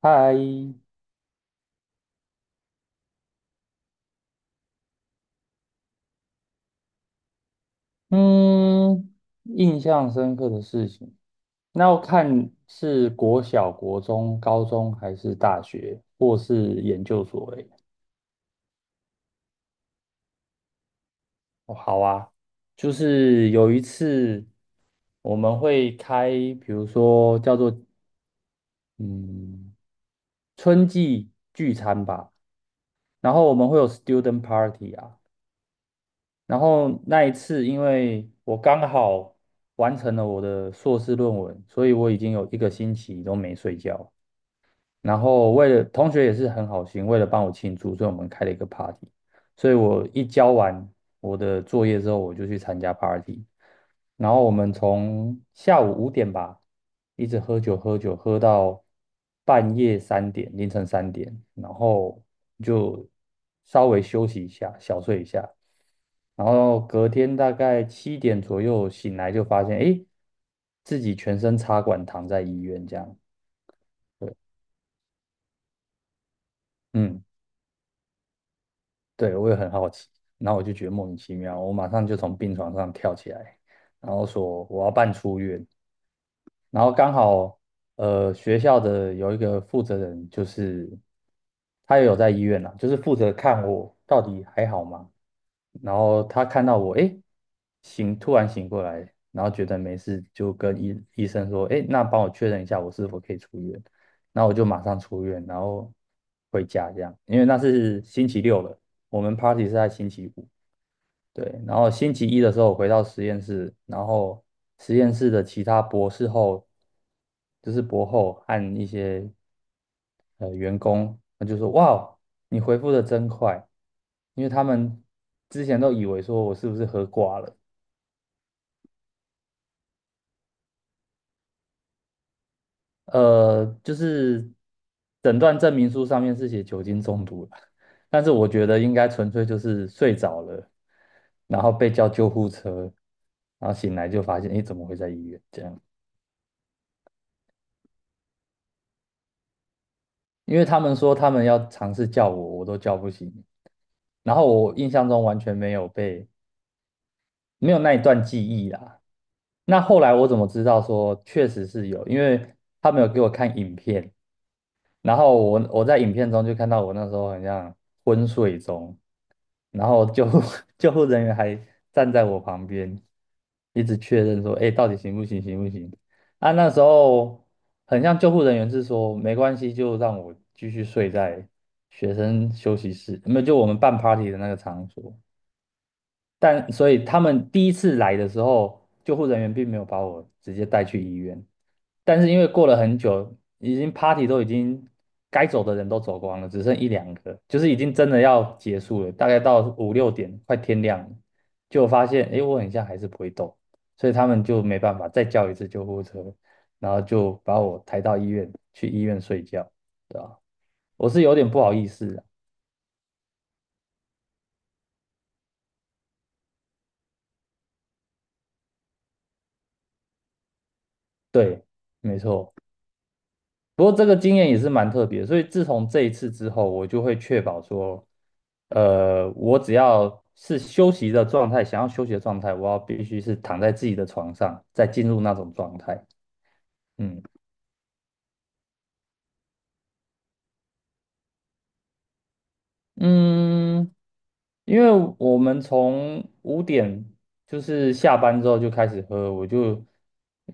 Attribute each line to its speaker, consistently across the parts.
Speaker 1: 嗨，嗯，印象深刻的事情，那要看是国小、国中、高中还是大学，或是研究所诶。哦，好啊，就是有一次我们会开，比如说叫做嗯春季聚餐吧，然后我们会有 student party 啊，然后那一次因为我刚好完成了我的硕士论文，所以我已经有一个星期都没睡觉。然后为了同学也是很好心，为了帮我庆祝，所以我们开了一个 party。所以我一交完我的作业之后，我就去参加 party。然后我们从下午5点吧，一直喝酒喝酒喝到半夜3点，凌晨3点，然后就稍微休息一下，小睡一下。然后隔天大概七点左右醒来，就发现诶，自己全身插管躺在医院这样。嗯。对，我也很好奇，然后我就觉得莫名其妙，我马上就从病床上跳起来，然后说我要办出院，然后刚好学校的有一个负责人，就是他也有在医院啦，就是负责看我到底还好吗？然后他看到我，诶，醒，突然醒过来，然后觉得没事，就跟医生说，诶，那帮我确认一下我是否可以出院，那我就马上出院，然后回家这样，因为那是星期六了。我们 party 是在星期五，对，然后星期一的时候我回到实验室，然后实验室的其他博士后，就是博后和一些员工，他就说："哇哦，你回复的真快，因为他们之前都以为说我是不是喝挂了。就是诊断证明书上面是写酒精中毒了，但是我觉得应该纯粹就是睡着了，然后被叫救护车，然后醒来就发现，诶，怎么会在医院这样？因为他们说他们要尝试叫我，我都叫不醒，然后我印象中完全没有那一段记忆啦。那后来我怎么知道说确实是有？因为他们有给我看影片，然后我在影片中就看到我那时候很像昏睡中，然后救护 救护人员还站在我旁边，一直确认说，哎，到底行不行，行不行？啊，那时候很像救护人员是说没关系，就让我继续睡在学生休息室，没有，就我们办 party 的那个场所。但所以他们第一次来的时候，救护人员并没有把我直接带去医院，但是因为过了很久，已经 party 都已经该走的人都走光了，只剩一两个，就是已经真的要结束了，大概到五六点，快天亮了，就发现哎，我很像还是不会动，所以他们就没办法再叫一次救护车，然后就把我抬到医院去医院睡觉，对吧？我是有点不好意思啊。对，没错。不过这个经验也是蛮特别的，所以自从这一次之后，我就会确保说，我只要是休息的状态，想要休息的状态，我要必须是躺在自己的床上，再进入那种状态。嗯嗯，因为我们从五点就是下班之后就开始喝，我就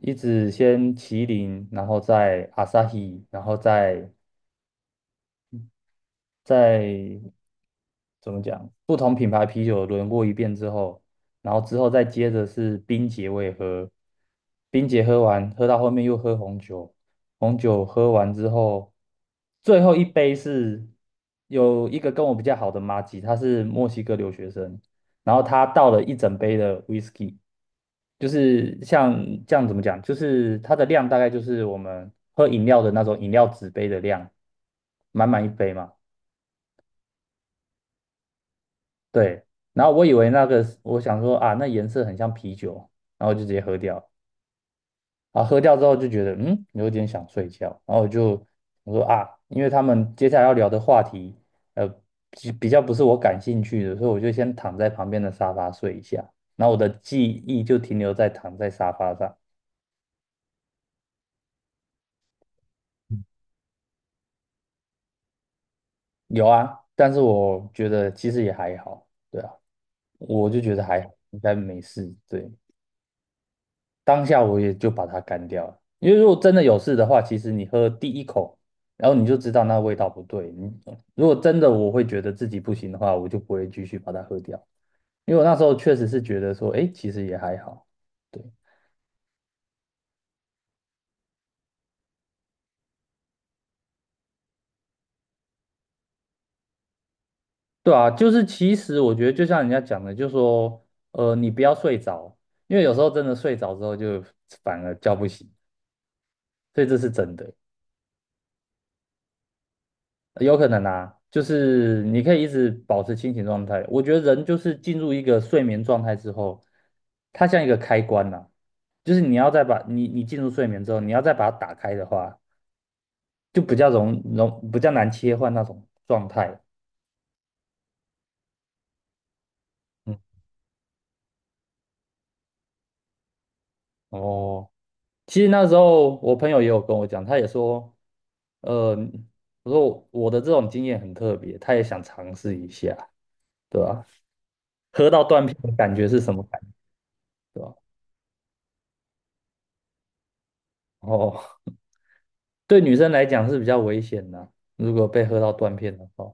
Speaker 1: 一直先麒麟，然后再阿萨 a 然后再。怎么讲，不同品牌啤酒轮过一遍之后，然后之后再接着是冰姐我也喝，冰姐喝完，喝到后面又喝红酒，红酒喝完之后，最后一杯是有一个跟我比较好的妈吉，她是墨西哥留学生，然后她倒了一整杯的 whisky,就是像这样怎么讲，就是它的量大概就是我们喝饮料的那种饮料纸杯的量，满满一杯嘛。对，然后我以为那个我想说啊，那颜色很像啤酒，然后就直接喝掉。啊，喝掉之后就觉得嗯，有点想睡觉，然后我就我说啊，因为他们接下来要聊的话题，呃，比较不是我感兴趣的，所以我就先躺在旁边的沙发睡一下。然后我的记忆就停留在躺在沙发上。有啊，但是我觉得其实也还好。对啊，我就觉得还好，应该没事。对，当下我也就把它干掉了。因为如果真的有事的话，其实你喝第一口，然后你就知道那味道不对。你如果真的我会觉得自己不行的话，我就不会继续把它喝掉。因为我那时候确实是觉得说，哎，其实也还好。对。对啊，就是其实我觉得就像人家讲的，就说你不要睡着，因为有时候真的睡着之后就反而叫不醒，所以这是真的。有可能啊，就是你可以一直保持清醒状态。我觉得人就是进入一个睡眠状态之后，它像一个开关呐、就是你要再把你进入睡眠之后，你要再把它打开的话，就比较比较难切换那种状态。嗯，哦，其实那时候我朋友也有跟我讲，他也说，呃，我说我的这种经验很特别，他也想尝试一下，对吧？喝到断片的感觉是什么感觉？对吧？哦。对女生来讲是比较危险的啊，如果被喝到断片的话。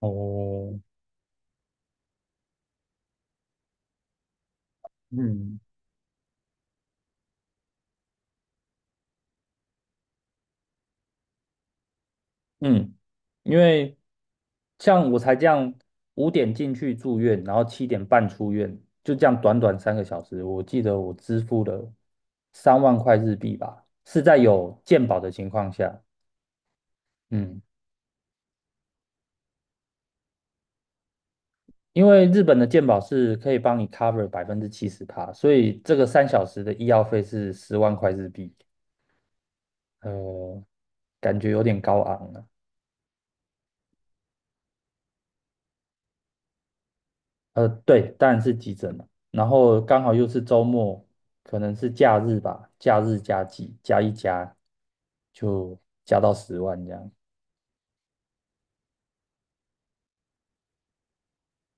Speaker 1: 哦。嗯嗯，因为像我才这样五点进去住院，然后7点半出院，就这样短短3个小时，我记得我支付了3万块日币吧，是在有健保的情况下。嗯，因为日本的健保是可以帮你 cover 70%趴，所以这个3小时的医药费是10万块日币。呃，感觉有点高昂啊。对，当然是急诊了。然后刚好又是周末，可能是假日吧，假日加急加一加，就加到十万这样。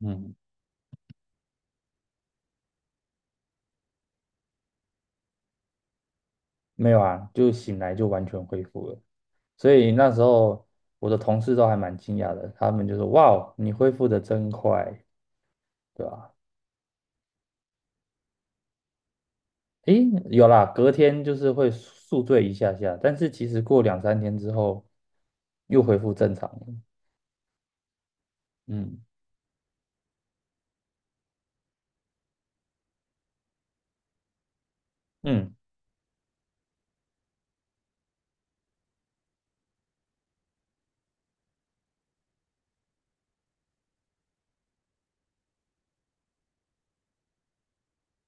Speaker 1: 嗯，没有啊，就醒来就完全恢复了。所以那时候我的同事都还蛮惊讶的，他们就说："哇哦，你恢复的真快，对吧？"诶，有啦，隔天就是会宿醉一下下，但是其实过两三天之后又恢复正常了。嗯嗯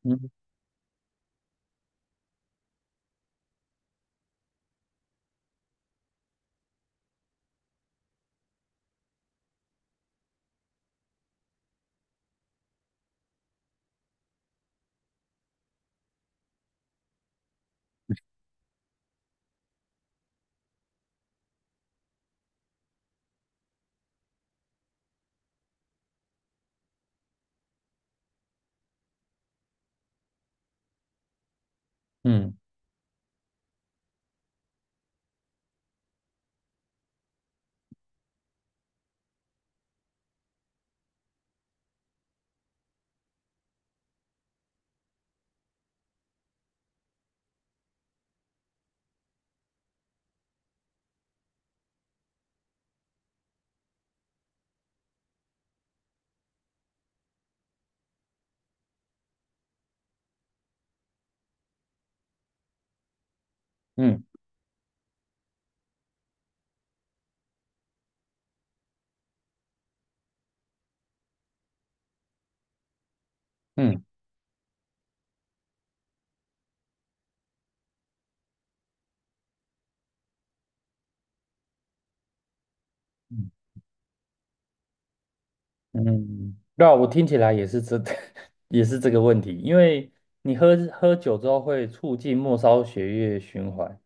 Speaker 1: 嗯嗯嗯嗯。嗯嗯，那我听起来也是这，也是这个问题，因为你喝酒之后会促进末梢血液循环，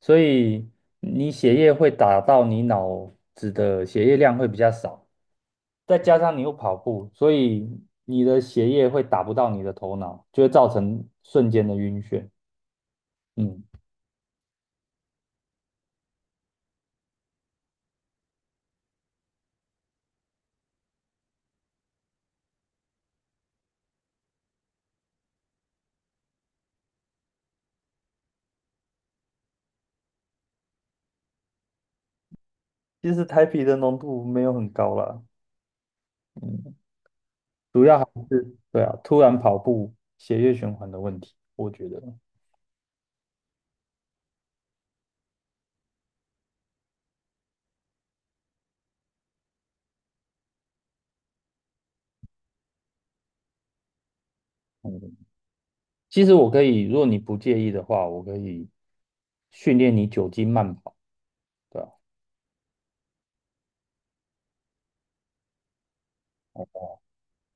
Speaker 1: 所以你血液会打到你脑子的血液量会比较少，再加上你又跑步，所以你的血液会打不到你的头脑，就会造成瞬间的晕眩。嗯，其实台啤的浓度没有很高啦。嗯，主要还是对啊，突然跑步血液循环的问题，我觉得。嗯其实我可以，如果你不介意的话，我可以训练你酒精慢跑，对吧？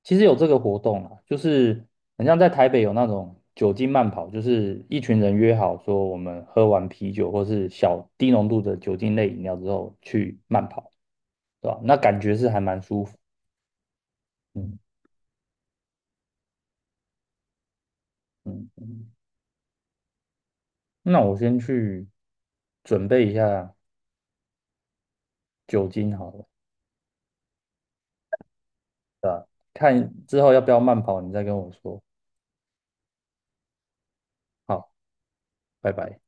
Speaker 1: 其实有这个活动啊，就是很像在台北有那种酒精慢跑，就是一群人约好说，我们喝完啤酒或是小低浓度的酒精类饮料之后去慢跑，对吧？那感觉是还蛮舒服。嗯嗯，那我先去准备一下酒精好了，看之后要不要慢跑，你再跟我说。好，拜拜。